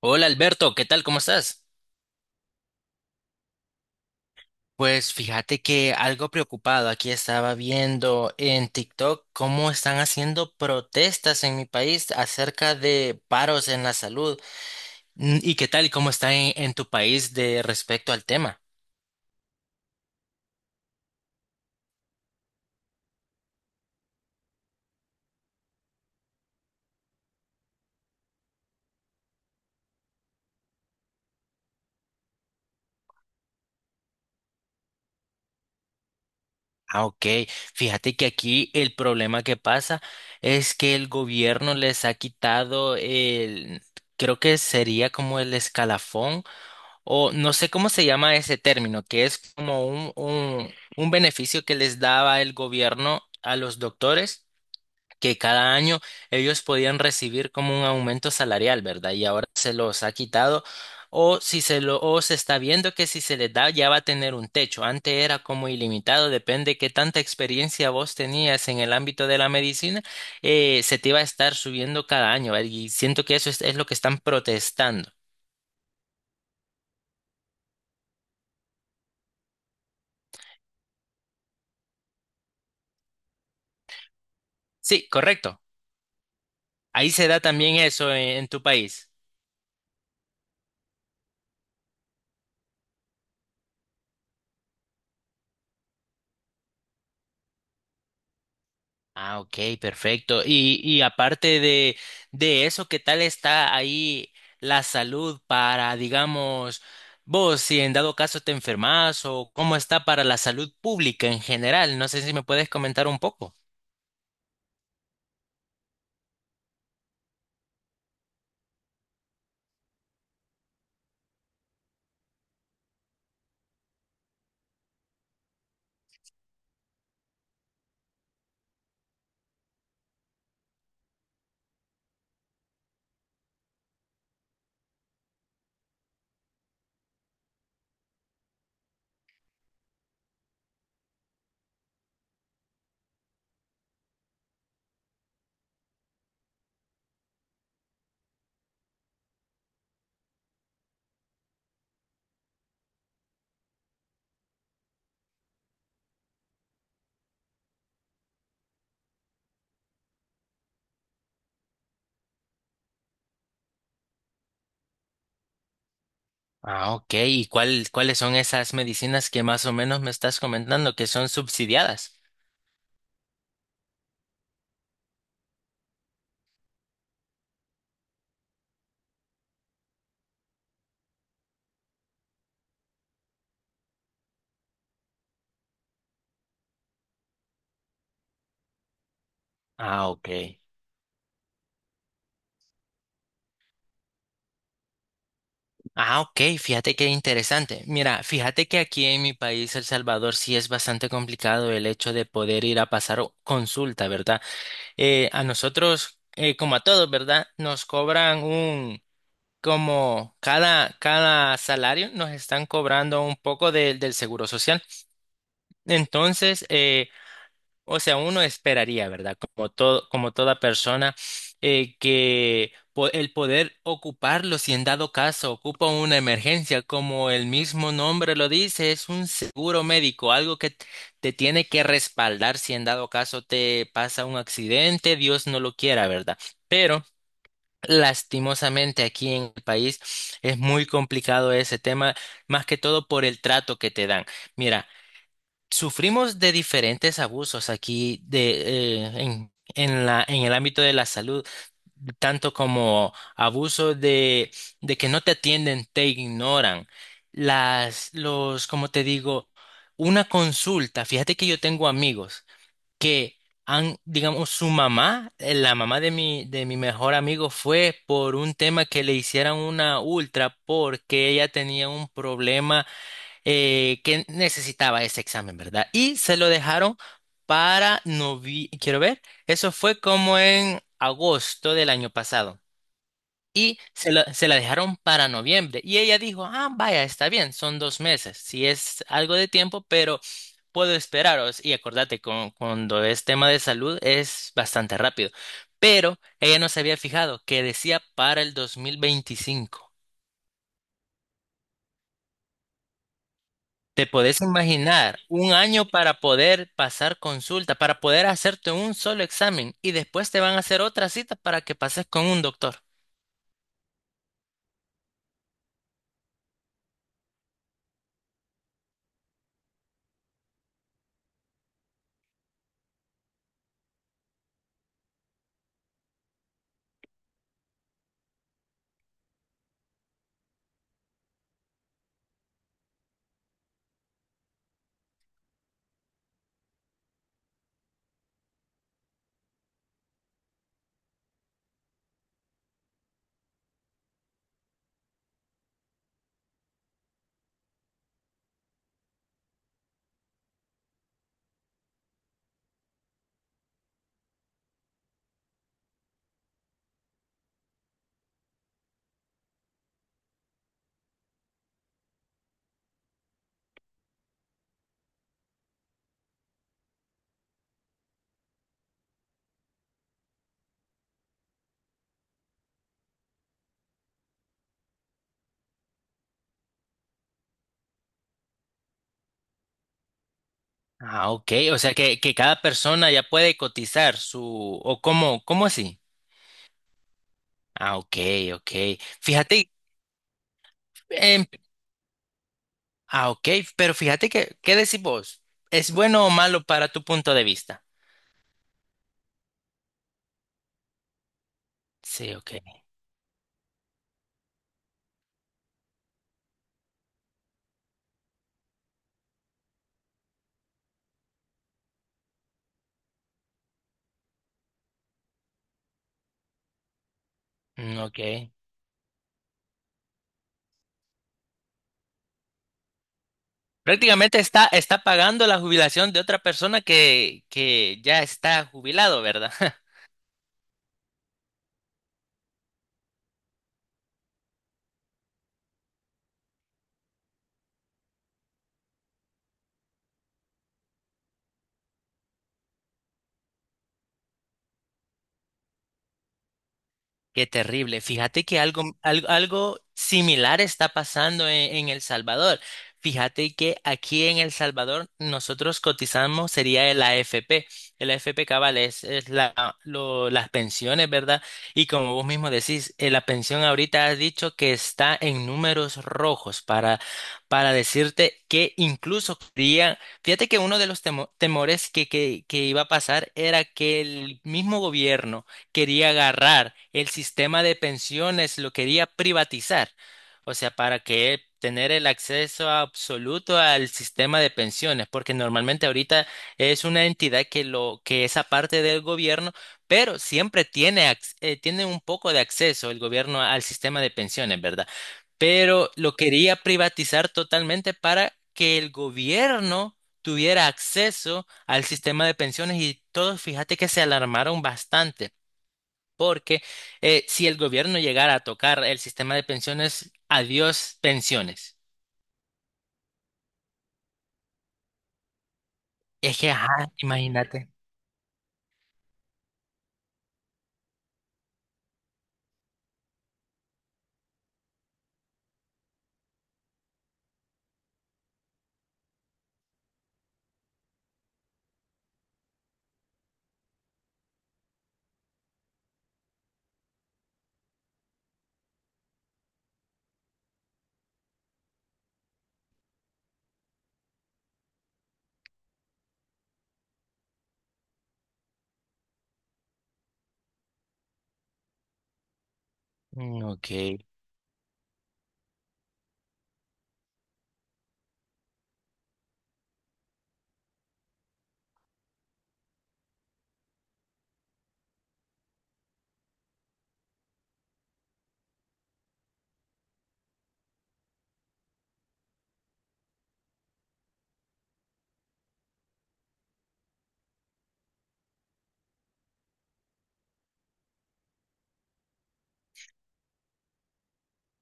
Hola Alberto, ¿qué tal? ¿Cómo estás? Pues fíjate que algo preocupado, aquí estaba viendo en TikTok cómo están haciendo protestas en mi país acerca de paros en la salud. Mm, ¿y qué tal? ¿Cómo está en tu país de respecto al tema? Ah, ok. Fíjate que aquí el problema que pasa es que el gobierno les ha quitado el, creo que sería como el escalafón, o no sé cómo se llama ese término, que es como un beneficio que les daba el gobierno a los doctores, que cada año ellos podían recibir como un aumento salarial, ¿verdad? Y ahora se los ha quitado. O si se lo, o se está viendo que si se les da ya va a tener un techo. Antes era como ilimitado, depende qué tanta experiencia vos tenías en el ámbito de la medicina, se te iba a estar subiendo cada año, ¿verdad? Y siento que eso es lo que están protestando. Sí, correcto. Ahí se da también eso en tu país. Ah, ok, perfecto. Y aparte de eso, ¿qué tal está ahí la salud para, digamos, vos, si en dado caso te enfermas o cómo está para la salud pública en general? No sé si me puedes comentar un poco. Ah, ok. ¿Y cuál, cuáles son esas medicinas que más o menos me estás comentando que son subsidiadas? Ah, ok. Ah, ok, fíjate qué interesante. Mira, fíjate que aquí en mi país, El Salvador, sí es bastante complicado el hecho de poder ir a pasar o- consulta, ¿verdad? A nosotros, como a todos, ¿verdad? Nos cobran un, como cada, cada salario, nos están cobrando un poco de- del seguro social. Entonces, o sea, uno esperaría, ¿verdad? Como todo, como toda persona, que po- el poder ocuparlo, si en dado caso ocupa una emergencia, como el mismo nombre lo dice, es un seguro médico, algo que t- te tiene que respaldar si en dado caso te pasa un accidente, Dios no lo quiera, ¿verdad? Pero lastimosamente aquí en el país es muy complicado ese tema, más que todo por el trato que te dan. Mira. Sufrimos de diferentes abusos aquí de, en la, en el ámbito de la salud, tanto como abusos de que no te atienden, te ignoran. Las, los, como te digo, una consulta. Fíjate que yo tengo amigos que han, digamos, su mamá, la mamá de mi mejor amigo fue por un tema que le hicieran una ultra porque ella tenía un problema que necesitaba ese examen, ¿verdad? Y se lo dejaron para noviembre, quiero ver, eso fue como en agosto del año pasado. Y se la dejaron para noviembre. Y ella dijo, ah, vaya, está bien, son dos meses, sí es algo de tiempo, pero puedo esperaros. Y acordate, con- cuando es tema de salud es bastante rápido. Pero ella no se había fijado que decía para el 2025. ¿Te podés imaginar un año para poder pasar consulta, para poder hacerte un solo examen y después te van a hacer otra cita para que pases con un doctor? Ah, ok, o sea que cada persona ya puede cotizar su... ¿O cómo, cómo así? Ah, ok, ok. Fíjate, em, ah, ok, pero fíjate que, ¿qué decís vos? ¿Es bueno o malo para tu punto de vista? Sí, ok. Mm, ok. Prácticamente está, está pagando la jubilación de otra persona que ya está jubilado, ¿verdad? Qué terrible. Fíjate que algo, al- algo similar está pasando en El Salvador. Fíjate que aquí en El Salvador nosotros cotizamos sería el AFP. El AFP cabal es la, lo- las pensiones, ¿verdad? Y como vos mismo decís, la pensión ahorita has dicho que está en números rojos para decirte que incluso quería- Fíjate que uno de los temo- temores que iba a pasar era que el mismo gobierno quería agarrar el sistema de pensiones, lo quería privatizar. O sea, para que tener el acceso absoluto al sistema de pensiones, porque normalmente ahorita es una entidad que lo que es aparte del gobierno, pero siempre tiene ac- tiene un poco de acceso el gobierno al sistema de pensiones, ¿verdad? Pero lo quería privatizar totalmente para que el gobierno tuviera acceso al sistema de pensiones y todos, fíjate que se alarmaron bastante porque si el gobierno llegara a tocar el sistema de pensiones, adiós pensiones. Es que, ajá, imagínate. Mm, ok,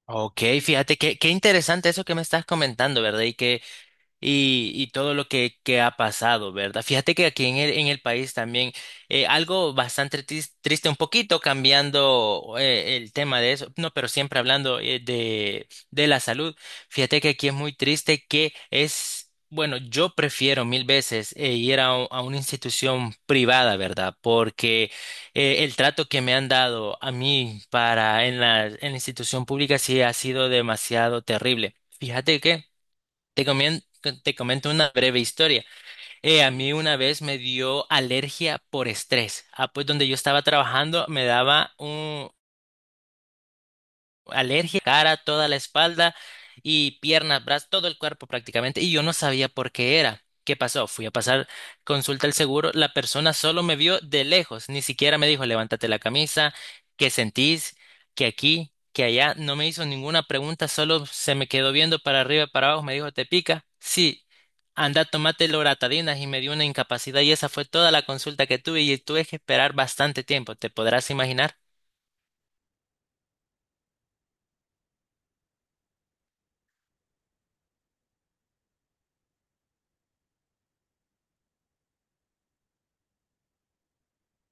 ok, fíjate que qué interesante eso que me estás comentando, ¿verdad? Y que y todo lo que ha pasado, ¿verdad? Fíjate que aquí en el país también algo bastante tris- triste, un poquito cambiando el tema de eso, no, pero siempre hablando de la salud. Fíjate que aquí es muy triste que es... Bueno, yo prefiero mil veces ir a, u- a una institución privada, ¿verdad? Porque el trato que me han dado a mí para en la institución pública sí ha sido demasiado terrible. Fíjate que te comien- te comento una breve historia. A mí una vez me dio alergia por estrés. Ah, pues donde yo estaba trabajando me daba alergia, cara, toda la espalda y piernas, brazos, todo el cuerpo prácticamente, y yo no sabía por qué era. ¿Qué pasó? Fui a pasar consulta al seguro, la persona solo me vio de lejos, ni siquiera me dijo, levántate la camisa, ¿qué sentís? ¿Qué aquí? ¿Qué allá? No me hizo ninguna pregunta, solo se me quedó viendo para arriba y para abajo, me dijo, ¿te pica? Sí. Anda, tomate loratadina y me dio una incapacidad y esa fue toda la consulta que tuve y tuve que esperar bastante tiempo, ¿te podrás imaginar?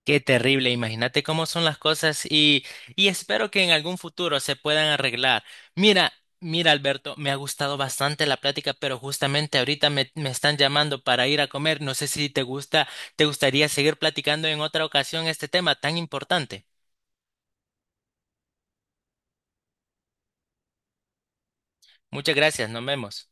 Qué terrible, imagínate cómo son las cosas y espero que en algún futuro se puedan arreglar. Mira, mira Alberto, me ha gustado bastante la plática, pero justamente ahorita me, me están llamando para ir a comer. No sé si te gusta, te gustaría seguir platicando en otra ocasión este tema tan importante. Muchas gracias, nos vemos.